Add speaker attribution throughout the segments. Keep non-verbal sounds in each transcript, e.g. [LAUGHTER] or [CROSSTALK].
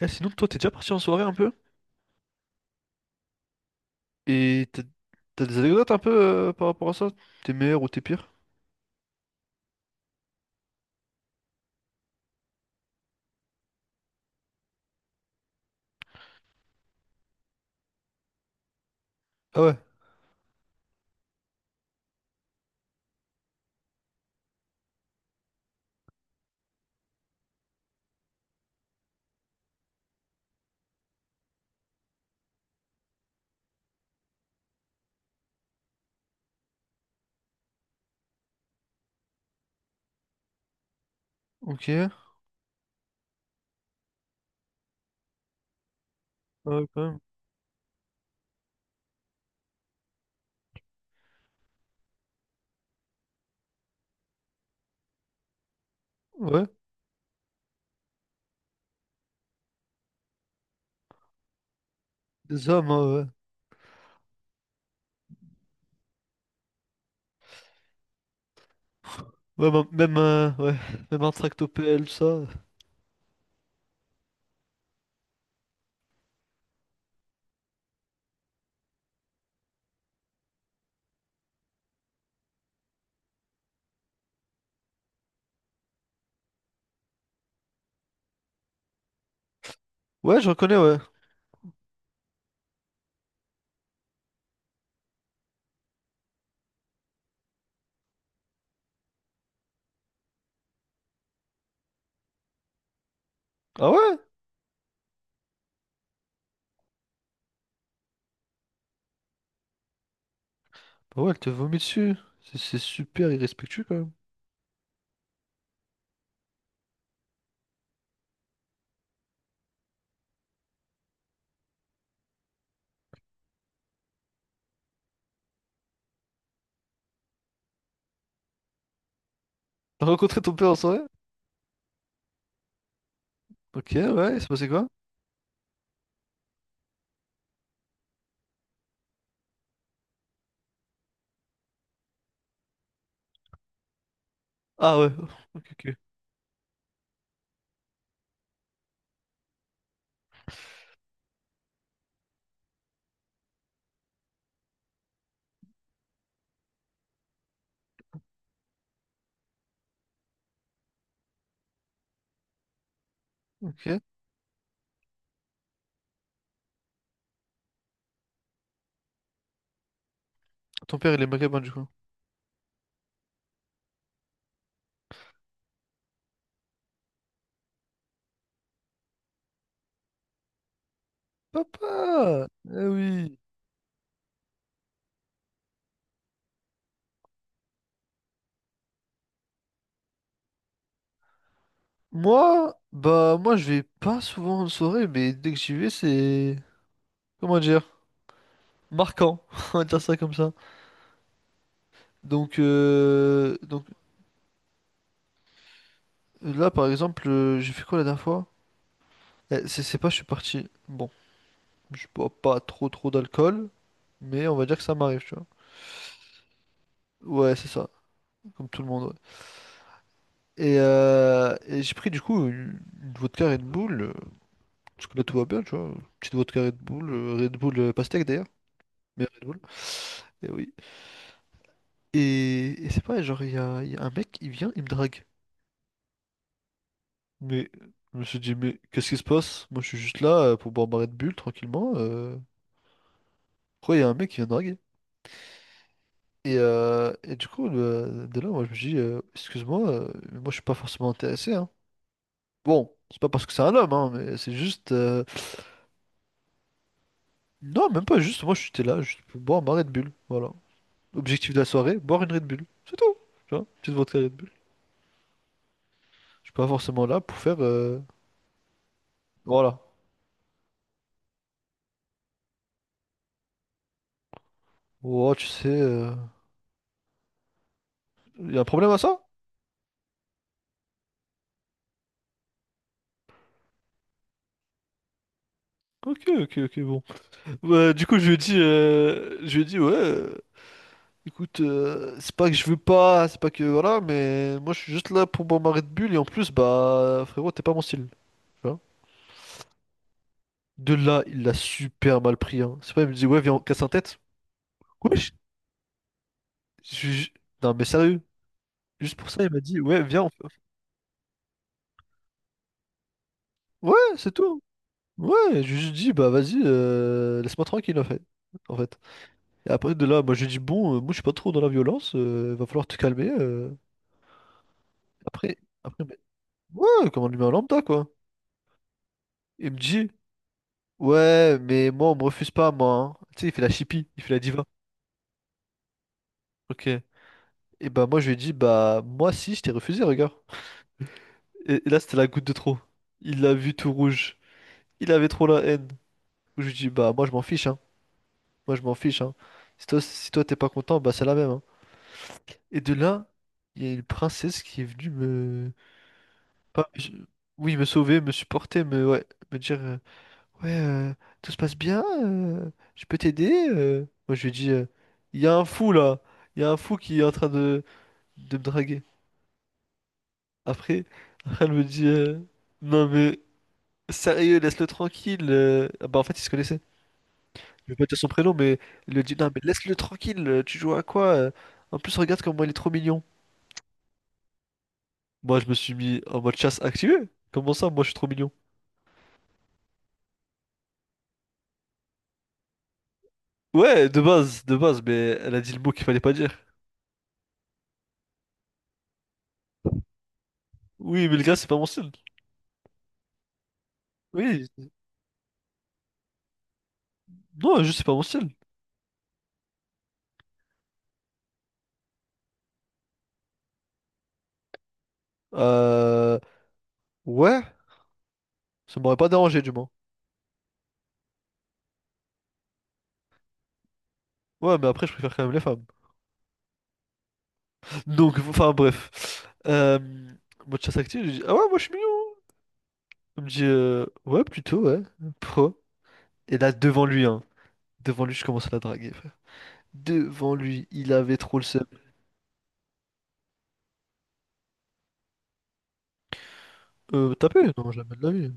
Speaker 1: Eh, sinon, toi, t'es déjà parti en soirée un peu? Et t'as des anecdotes un peu par rapport à ça? T'es meilleur ou t'es pire? Ah ouais, ok. Ah ouais, quand même. Ouais, des hommes, hein, ouais. Ouais, bah, même, ouais. [LAUGHS] Même un tractopelle, tout ça. Ouais, je reconnais, ouais. Ah ouais? Bah ouais, elle te vomit dessus. C'est super irrespectueux, quand même. T'as rencontré ton père en soirée? Ok, ouais, il s'est passé quoi? Ah ouais, ok, ok, ok. Ton père, il est maghrébin, du coup. Papa! Eh oui! Moi, bah moi je vais pas souvent en soirée, mais dès que j'y vais, c'est comment dire, marquant, [LAUGHS] on va dire ça comme ça. Donc là par exemple, j'ai fait quoi la dernière fois? Eh, c'est pas, je suis parti. Bon, je bois pas trop trop d'alcool, mais on va dire que ça m'arrive, tu vois. Ouais, c'est ça, comme tout le monde. Ouais. Et j'ai pris du coup une vodka Red Bull, parce que là tout va bien, tu vois. Petite vodka Red Bull, Red Bull pastèque d'ailleurs, mais Red Bull. Et oui. Et c'est pareil, genre, il y a un mec, il vient, il me drague. Mais je me suis dit, mais qu'est-ce qui se passe? Moi, je suis juste là pour boire ma Red Bull tranquillement. Pourquoi il y a un mec qui vient me draguer? Et du coup, de là, moi, je me dis, excuse-moi, mais moi, je suis pas forcément intéressé, hein. Bon, c'est pas parce que c'est un homme, hein, mais c'est juste. Non, même pas juste, moi, j'étais là, juste pour boire ma Red Bull. Voilà. Objectif de la soirée, boire une Red Bull. C'est tout. Tu vois, petite vodka Red Bull. Je suis pas forcément là pour faire. Voilà. Oh, tu sais, il y a un problème à ça? Ok, ok, ok, bon. Bah, du coup, je lui ai dit, je lui ai dit, ouais, écoute, c'est pas que je veux pas, c'est pas que voilà, mais moi je suis juste là pour bombarder de bulles et en plus, bah frérot, t'es pas mon style. Tu vois. De là, il l'a super mal pris, hein. C'est pas, il me dit, ouais, viens, on casse un tête. Ouais, je- non, mais sérieux, juste pour ça, il m'a dit, ouais, viens, on fait- Ouais, c'est tout. Ouais, je lui ai dit, bah vas-y, laisse-moi tranquille, en fait. En fait. Et après, de là, moi j'ai dit, bon, moi je suis pas trop dans la violence, va falloir te calmer. Après. Après, ouais, comme un humain lambda, quoi. Il me dit, ouais, mais moi, on me refuse pas, moi, hein. Tu sais, il fait la chippie, il fait la diva. Ok. Et bah, moi, je lui ai dit, bah, moi, si, je t'ai refusé, regarde. Et là, c'était la goutte de trop. Il l'a vu tout rouge. Il avait trop la haine. Je lui ai dit, bah, moi, je m'en fiche, hein. Moi, je m'en fiche, hein. Si toi, si toi, t'es pas content, bah, c'est la même, hein. Et de là, il y a une princesse qui est venue me. pas- je- Oui, me sauver, me supporter, me. Ouais, me dire. Ouais, tout se passe bien, je peux t'aider. Moi, je lui ai dit, il y a un fou là, il y a un fou qui est en train de me draguer. Après, [LAUGHS] elle me dit, non mais sérieux, laisse-le tranquille. Ah bah, en fait, il se connaissait. Je vais pas dire son prénom, mais il lui dit, non mais laisse-le tranquille, tu joues à quoi? En plus, regarde comment il est trop mignon. Moi, je me suis mis en mode chasse activée. Comment ça, moi, je suis trop mignon? Ouais, de base, mais elle a dit le mot qu'il fallait pas dire. Oui, mais le gars, c'est pas mon style. Oui, non, juste c'est pas mon style. Euh... Ouais, ça m'aurait pas dérangé du moins. Ouais, mais après, je préfère quand même les femmes. [LAUGHS] Donc, enfin, bref. Euh... Mode chasse active, je dis, ah ouais, moi je suis mignon. Il me dit, ouais, plutôt, ouais. Pro. Et là, devant lui, hein. Devant lui, je commence à la draguer, frère. Devant lui, il avait trop le seum. Tapé? Non, jamais de la vie.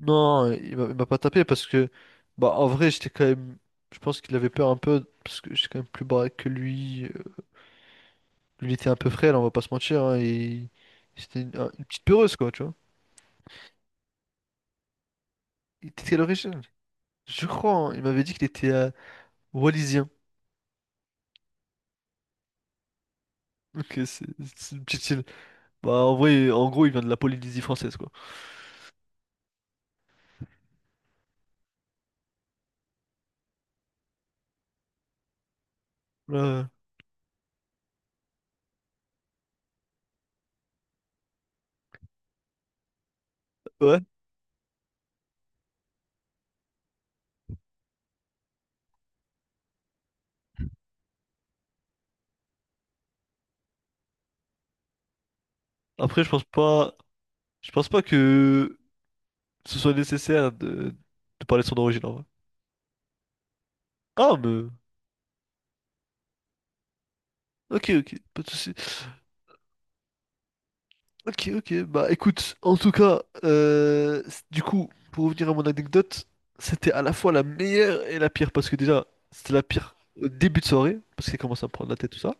Speaker 1: Non, il m'a pas tapé parce que, bah, en vrai, j'étais quand même. Je pense qu'il avait peur un peu parce que j'étais quand même plus baraque que lui. Lui, il était un peu frêle, on va pas se mentir, hein, et c'était une, une petite peureuse, quoi, tu vois. Il était de quelle origine? Je crois, hein, il m'avait dit qu'il était wallisien. Ok, c'est une petite île. Bah, en vrai, en gros, il vient de la Polynésie française, quoi. Euh, ouais. Après, je pense pas que ce soit nécessaire de parler de son origine, en vrai. Ah, mais... Ok, ok, pas de souci. Ok, ok, bah écoute, en tout cas, du coup, pour revenir à mon anecdote, c'était à la fois la meilleure et la pire, parce que déjà, c'était la pire au début de soirée, parce qu'il commence à me prendre la tête, tout ça.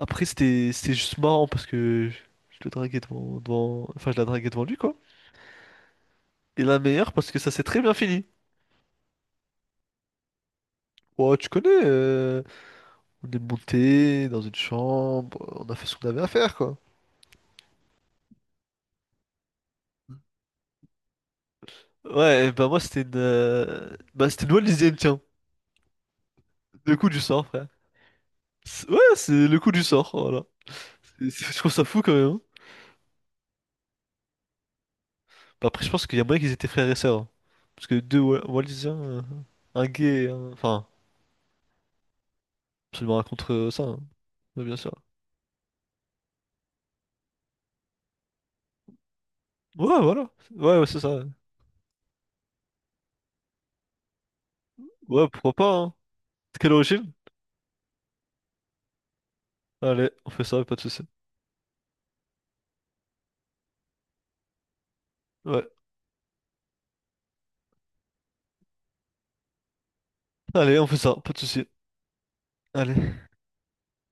Speaker 1: Après, c'était juste marrant parce que je le draguais devant, enfin, je la draguais devant lui, quoi. Et la meilleure parce que ça s'est très bien fini. Ouais, tu connais, on est monté dans une chambre, on a fait ce qu'on avait à faire, quoi. Ouais, bah moi, c'était une... bah, c'était une bonne tiens. Le coup du sort, frère. Ouais, c'est le coup du sort, voilà. Je trouve ça fou, quand même, hein. Bah, après, je pense qu'il y a moyen qu'ils étaient frères et sœurs, hein. Parce que deux Wallisiens, un gay, et enfin, absolument rien contre ça, hein. Ouais, bien sûr. Ouais, voilà. Ouais, ouais, c'est ça. Ouais, pourquoi pas, hein. Quelle origine? Allez, on fait ça, pas de souci. Ouais. Allez, on fait ça, pas de souci. Allez.